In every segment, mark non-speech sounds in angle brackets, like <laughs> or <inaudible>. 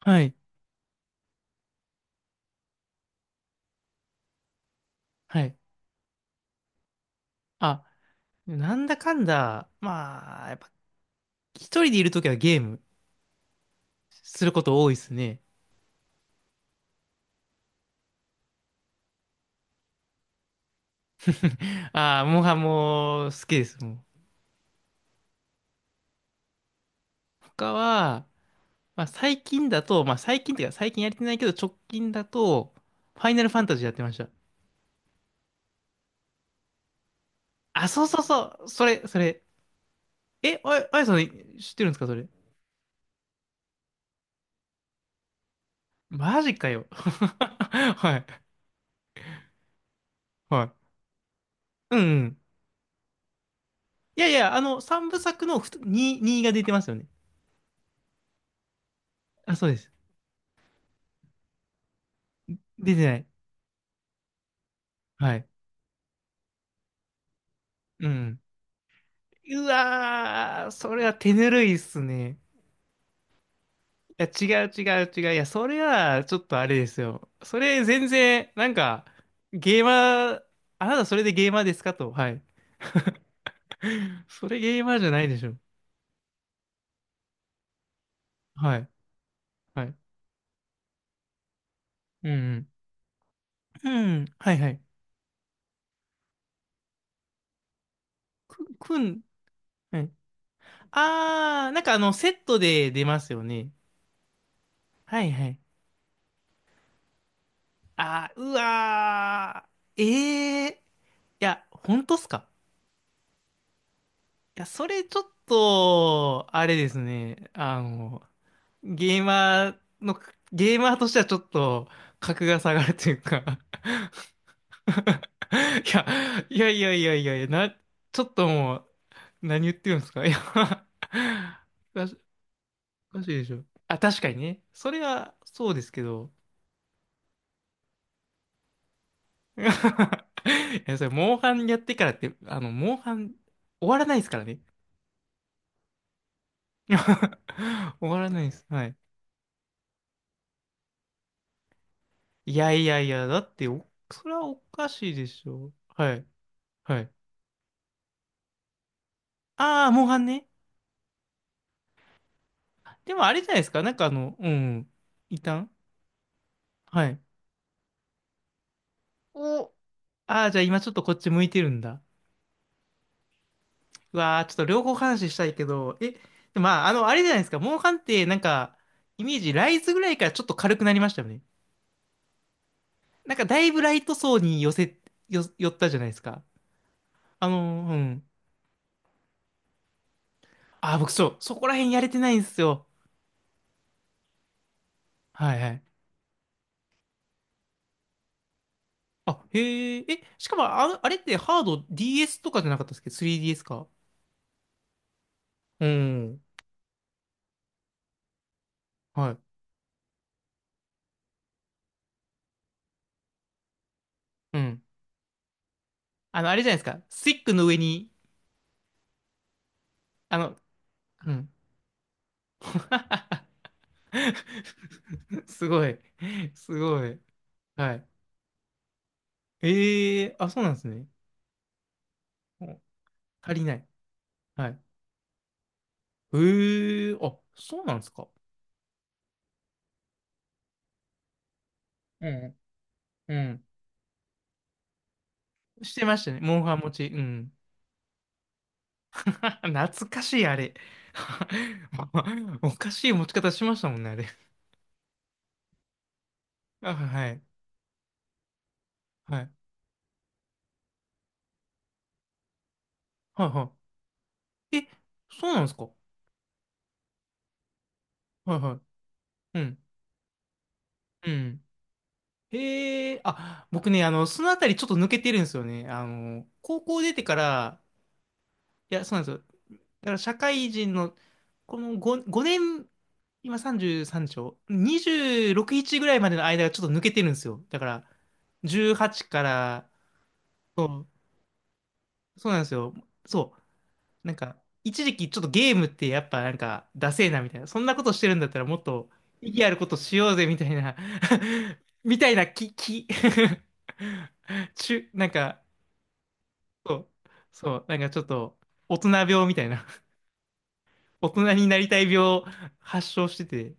はい。はい。あ、なんだかんだ、まあ、やっぱ一人でいるときはゲームすること多いですね。ああ、もう好きです、もう。他は、まあ最近だと、まあ最近っていうか最近やれてないけど直近だと、ファイナルファンタジーやってました。あ、そうそうそう、それ、それ。え、あやさん知ってるんですか、それ？マジかよ。<laughs> はい、はい。うんうん。いやいや、あの、三部作の2、2が出てますよね。あ、そうです。出てない。はい。うん。うわー、それは手ぬるいっすね。いや、違う違う違う。いや、それはちょっとあれですよ。それ全然、なんか、ゲーマー、あなたそれでゲーマーですかと。はい。<laughs> それゲーマーじゃないでしょ。はい。はい。うんうん。うん。はいはい。く、くん、はい。あー、なんかあの、セットで出ますよね。はいはい。あー、うわー。えー。いや、本当っすか？いや、それちょっと、あれですね。あの、ゲーマーの、ゲーマーとしてはちょっと、格が下がるというか。 <laughs> いや、<laughs> いやいやいやいやいや、ちょっともう、何言ってるんですか？ <laughs> いや、おかしおかしいでしょ。あ、確かにね。それは、そうですけど。<laughs> いや、それ、モンハンやってからって、あの、モンハン、終わらないですからね。<laughs> 終わらないです。はい。いやいやいや、だってお、それはおかしいでしょ。はい。はい。ああ、モンハンね。でもあれじゃないですか。なんかあの、うん。一旦。はい。お、ああ、じゃあ今ちょっとこっち向いてるんだ。うわあ、ちょっと両方話したいけど、え、でまあ、あの、あれじゃないですか。モンハンってなんか、イメージ、ライズぐらいからちょっと軽くなりましたよね。なんかだいぶライト層に寄せ、よ、寄ったじゃないですか。うん。ああ、僕そう、そこら辺やれてないんですよ。はいはい。あ、へえ、え、しかもあ、あれってハード DS とかじゃなかったっすっけ？ 3DS か。うん。はい。うん。あの、あれじゃないですか。スティックの上に、あの、うん。<laughs> すごい。すごい。はい。ええあ、そうなんですね。うん、足りない。はい。ええあ、そうなんですか。うん。うん。してましたね。モンハン持ち。うん。<laughs> 懐かしい、あれ。<laughs> おかしい持ち方しましたもんね、あれ。<laughs> あ、はい。はい。はいはい。え、そうなんですか？はいはい。うん。うん。へえ、あ、僕ね、あの、そのあたりちょっと抜けてるんですよね。あの、高校出てから、いや、そうなんですよ。だから社会人の、この5、5年、今33でしょ？ 26、1ぐらいまでの間がちょっと抜けてるんですよ。だから、18から、そう、そうなんですよ。そう。なんか、一時期ちょっとゲームってやっぱなんか、ダセえなみたいな、そんなことしてるんだったらもっと意義あることしようぜみたいな。 <laughs> みたいな気。 <laughs> なんか、そう、そう、なんかちょっと、大人病みたいな、大人になりたい病を発症してて。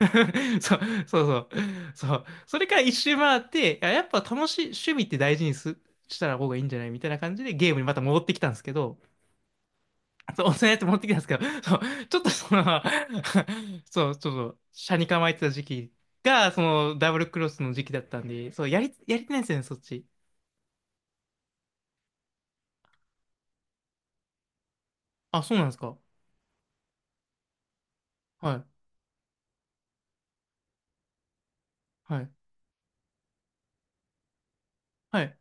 <laughs> そう、そうそう、そう、それから一周回って、いや、やっぱ楽しい、趣味って大事にす、したら方がいいんじゃないみたいな感じでゲームにまた戻ってきたんですけど、そう、お砂やって持ってきたんですけど、<laughs> そう、ちょっとその。 <laughs> そう、ちょっと、斜に構えてた時期が、その、ダブルクロスの時期だったんで、そう、やりてないんですよね、そっち。あ、そうなんですか。はい、はい、はい。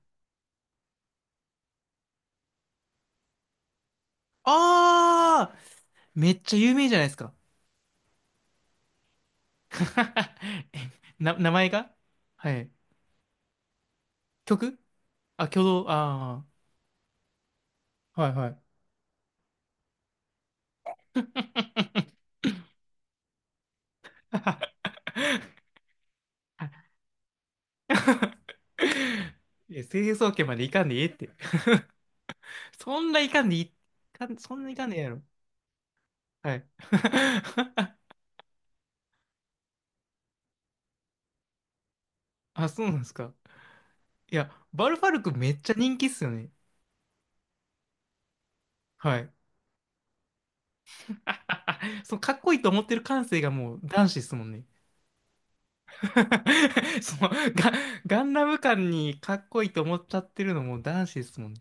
あー、めっちゃ有名じゃないですか。<laughs> え、名前が。はい。曲あ、挙動、あー、はい、はい。<laughs> いや、清掃圏までいかんでいいって。そんないかんでいい、そんないかんでいいやろ。はい。<laughs> あ、そうなんですか。いや、バルファルクめっちゃ人気っすよね。はい。<laughs> そのかっこいいと思ってる感性がもう男子っすもんね。<laughs> そのガ、ガンダム感にかっこいいと思っちゃってるのも男子っすもんね。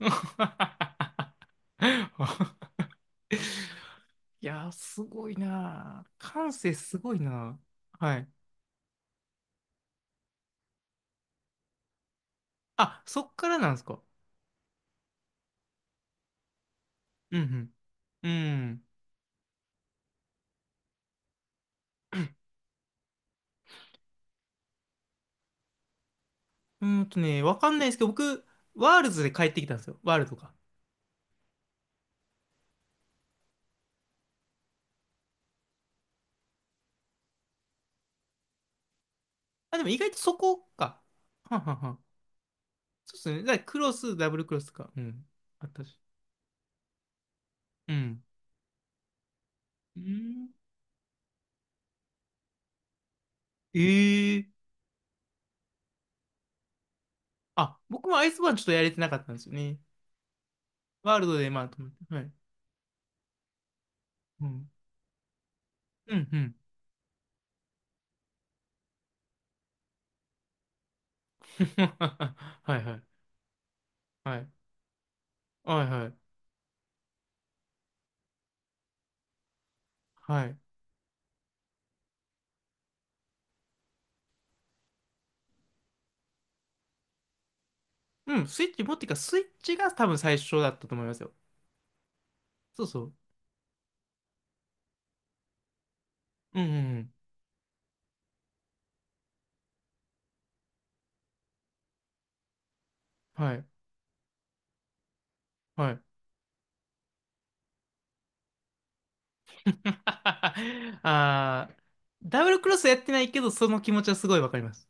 <laughs> いやー、すごいなー。感性すごいなー。はい。あ、そっからなんですか。うんうん。うん。わかんないですけど、僕、ワールズで帰ってきたんですよ。ワールドか。あ、でも意外とそこか。はんはんはん。そうっすね。だからクロス、ダブルクロスとか。うん。あったし。うん。うん。ええあ、僕もアイスバーンちょっとやれてなかったんですよね。ワールドで、まあ、と思って。はい。うん。うん、うん。<laughs> はいはい。はい。はいはい。はい。うん、スイッチが多分最初だったと思いますよ。そうそう。うんうんうん。はい。はい。<laughs> あー、ダブルクロスやってないけど、その気持ちはすごいわかります。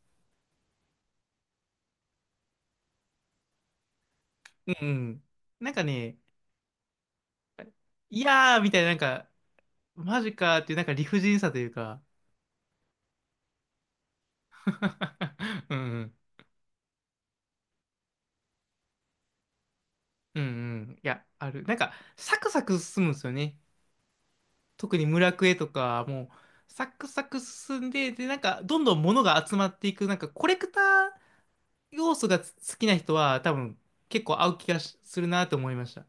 うんうん。なんかね、いやーみたいな、なんか、マジかーっていう、なんか理不尽さというか。 <laughs> うんうん、うんうん、いや、ある。なんか、サクサク進むんですよね。特に村クエとか、もう、サクサク進んで、で、なんか、どんどん物が集まっていく、なんか、コレクター要素が好きな人は、多分、結構合う気がしするなと思いました。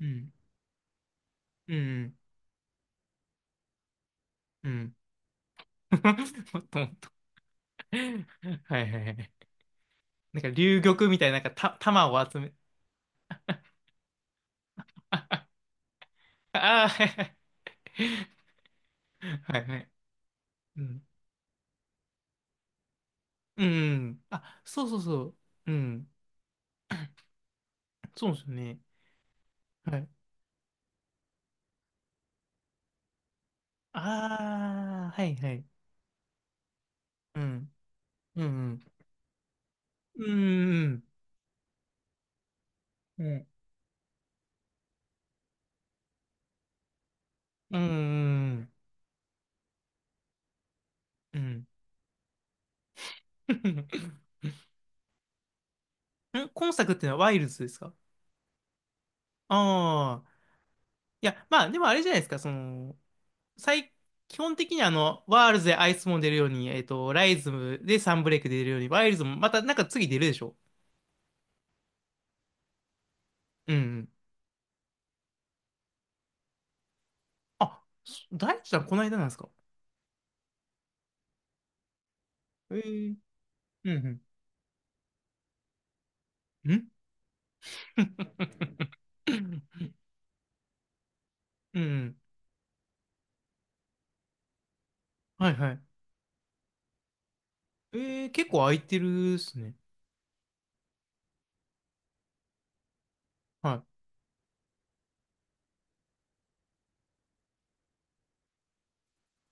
うん、うん、うん。<laughs> もっともっと、はいはいはい。なんか、龍玉みたいな、なんか、玉を集め、ああ、はいはい。はいはい、うん。うん。あ、そうそうそう。うん。そうですよね。はい。ああ、はいはい。うん。うん。うん。うん。うん。うん。うん。<laughs> 今作ってのはワイルズですか？ああ。いや、まあ、でもあれじゃないですか。その、最、基本的にあの、ワールズでアイスも出るように、ライズムでサンブレイク出るように、ワイルズもまたなんか次出るでしょ？うん。うん、あ、そ大地さんこの間なんですか？ええ、うんうん。ん。 <laughs> うん。<laughs> はいはい。えー、結構空いてるっすね。は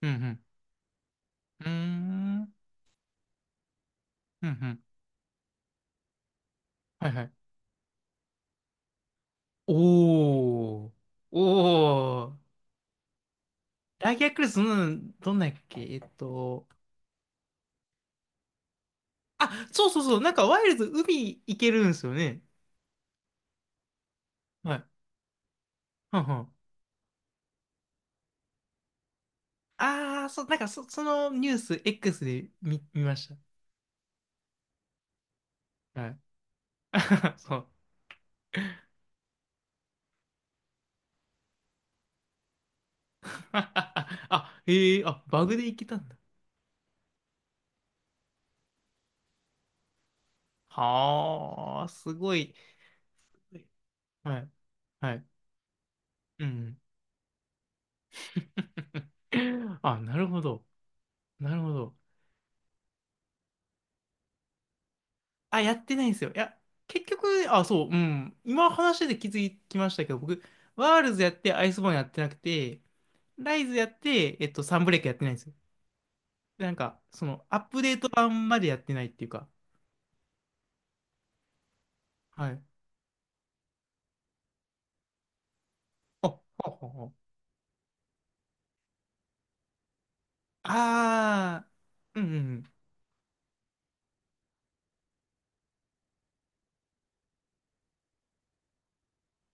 い。うんうん。うーん。うんうん。はいはい。おー。おー。ラギアクルス、うん、どんなんやっけ、えっと。あ、そうそうそう。なんかワイルズ海行けるんですよね。はい。はんはん。あー、そう、なんかそ、そのニュース X で見、見ました。はい。<laughs> そう。<laughs> あ、へえ、あ、バグで行けたんだ。はあ、すごい。はい。はい。うん。<laughs> あ、なるほど。なるほど。あ、やってないんですよ。いや、結局、あ、そう、うん。今話で気づきましたけど、僕、ワールズやってアイスボーンやってなくて、ライズやって、えっと、サンブレイクやってないんですよ。なんか、その、アップデート版までやってないっていうか。はい。あ、ほうほうほう。あー、うんうん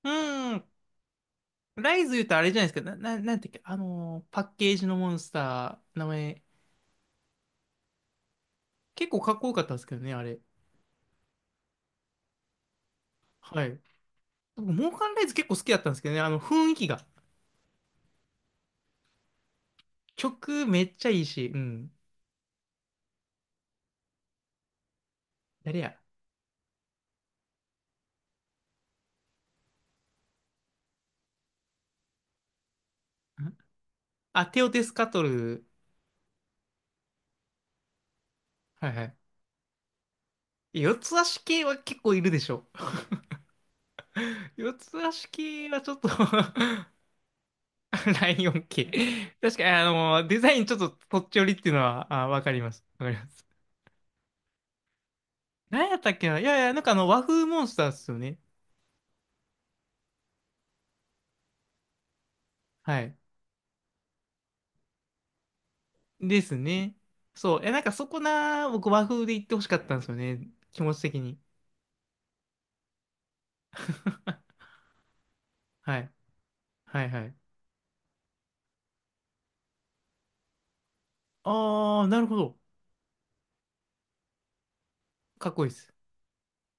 うん。うーん。ライズ言うとあれじゃないですか。なんていうっけ、あのーパッケージのモンスター、名前、結構かっこよかったんですけどね、あれ。はい。僕、モーカンライズ結構好きだったんですけどね、あの雰囲気が。曲めっちゃいいし、うん。誰やん。あ、テオテスカトル。はいはい。四つ足系は結構いるでしょ。<laughs> 四つ足系はちょっと。 <laughs> ライオン系。確かに、あの、デザインちょっとそっち寄りっていうのは、あ、わかります。わかります。何やったっけな。いやいや、なんかあの、和風モンスターっすよね。はい。ですね。そう。え、なんかそこな、僕和風で言ってほしかったんですよね。気持ち的に。はい。はいはい。ああ、なるほど。かっこいいです。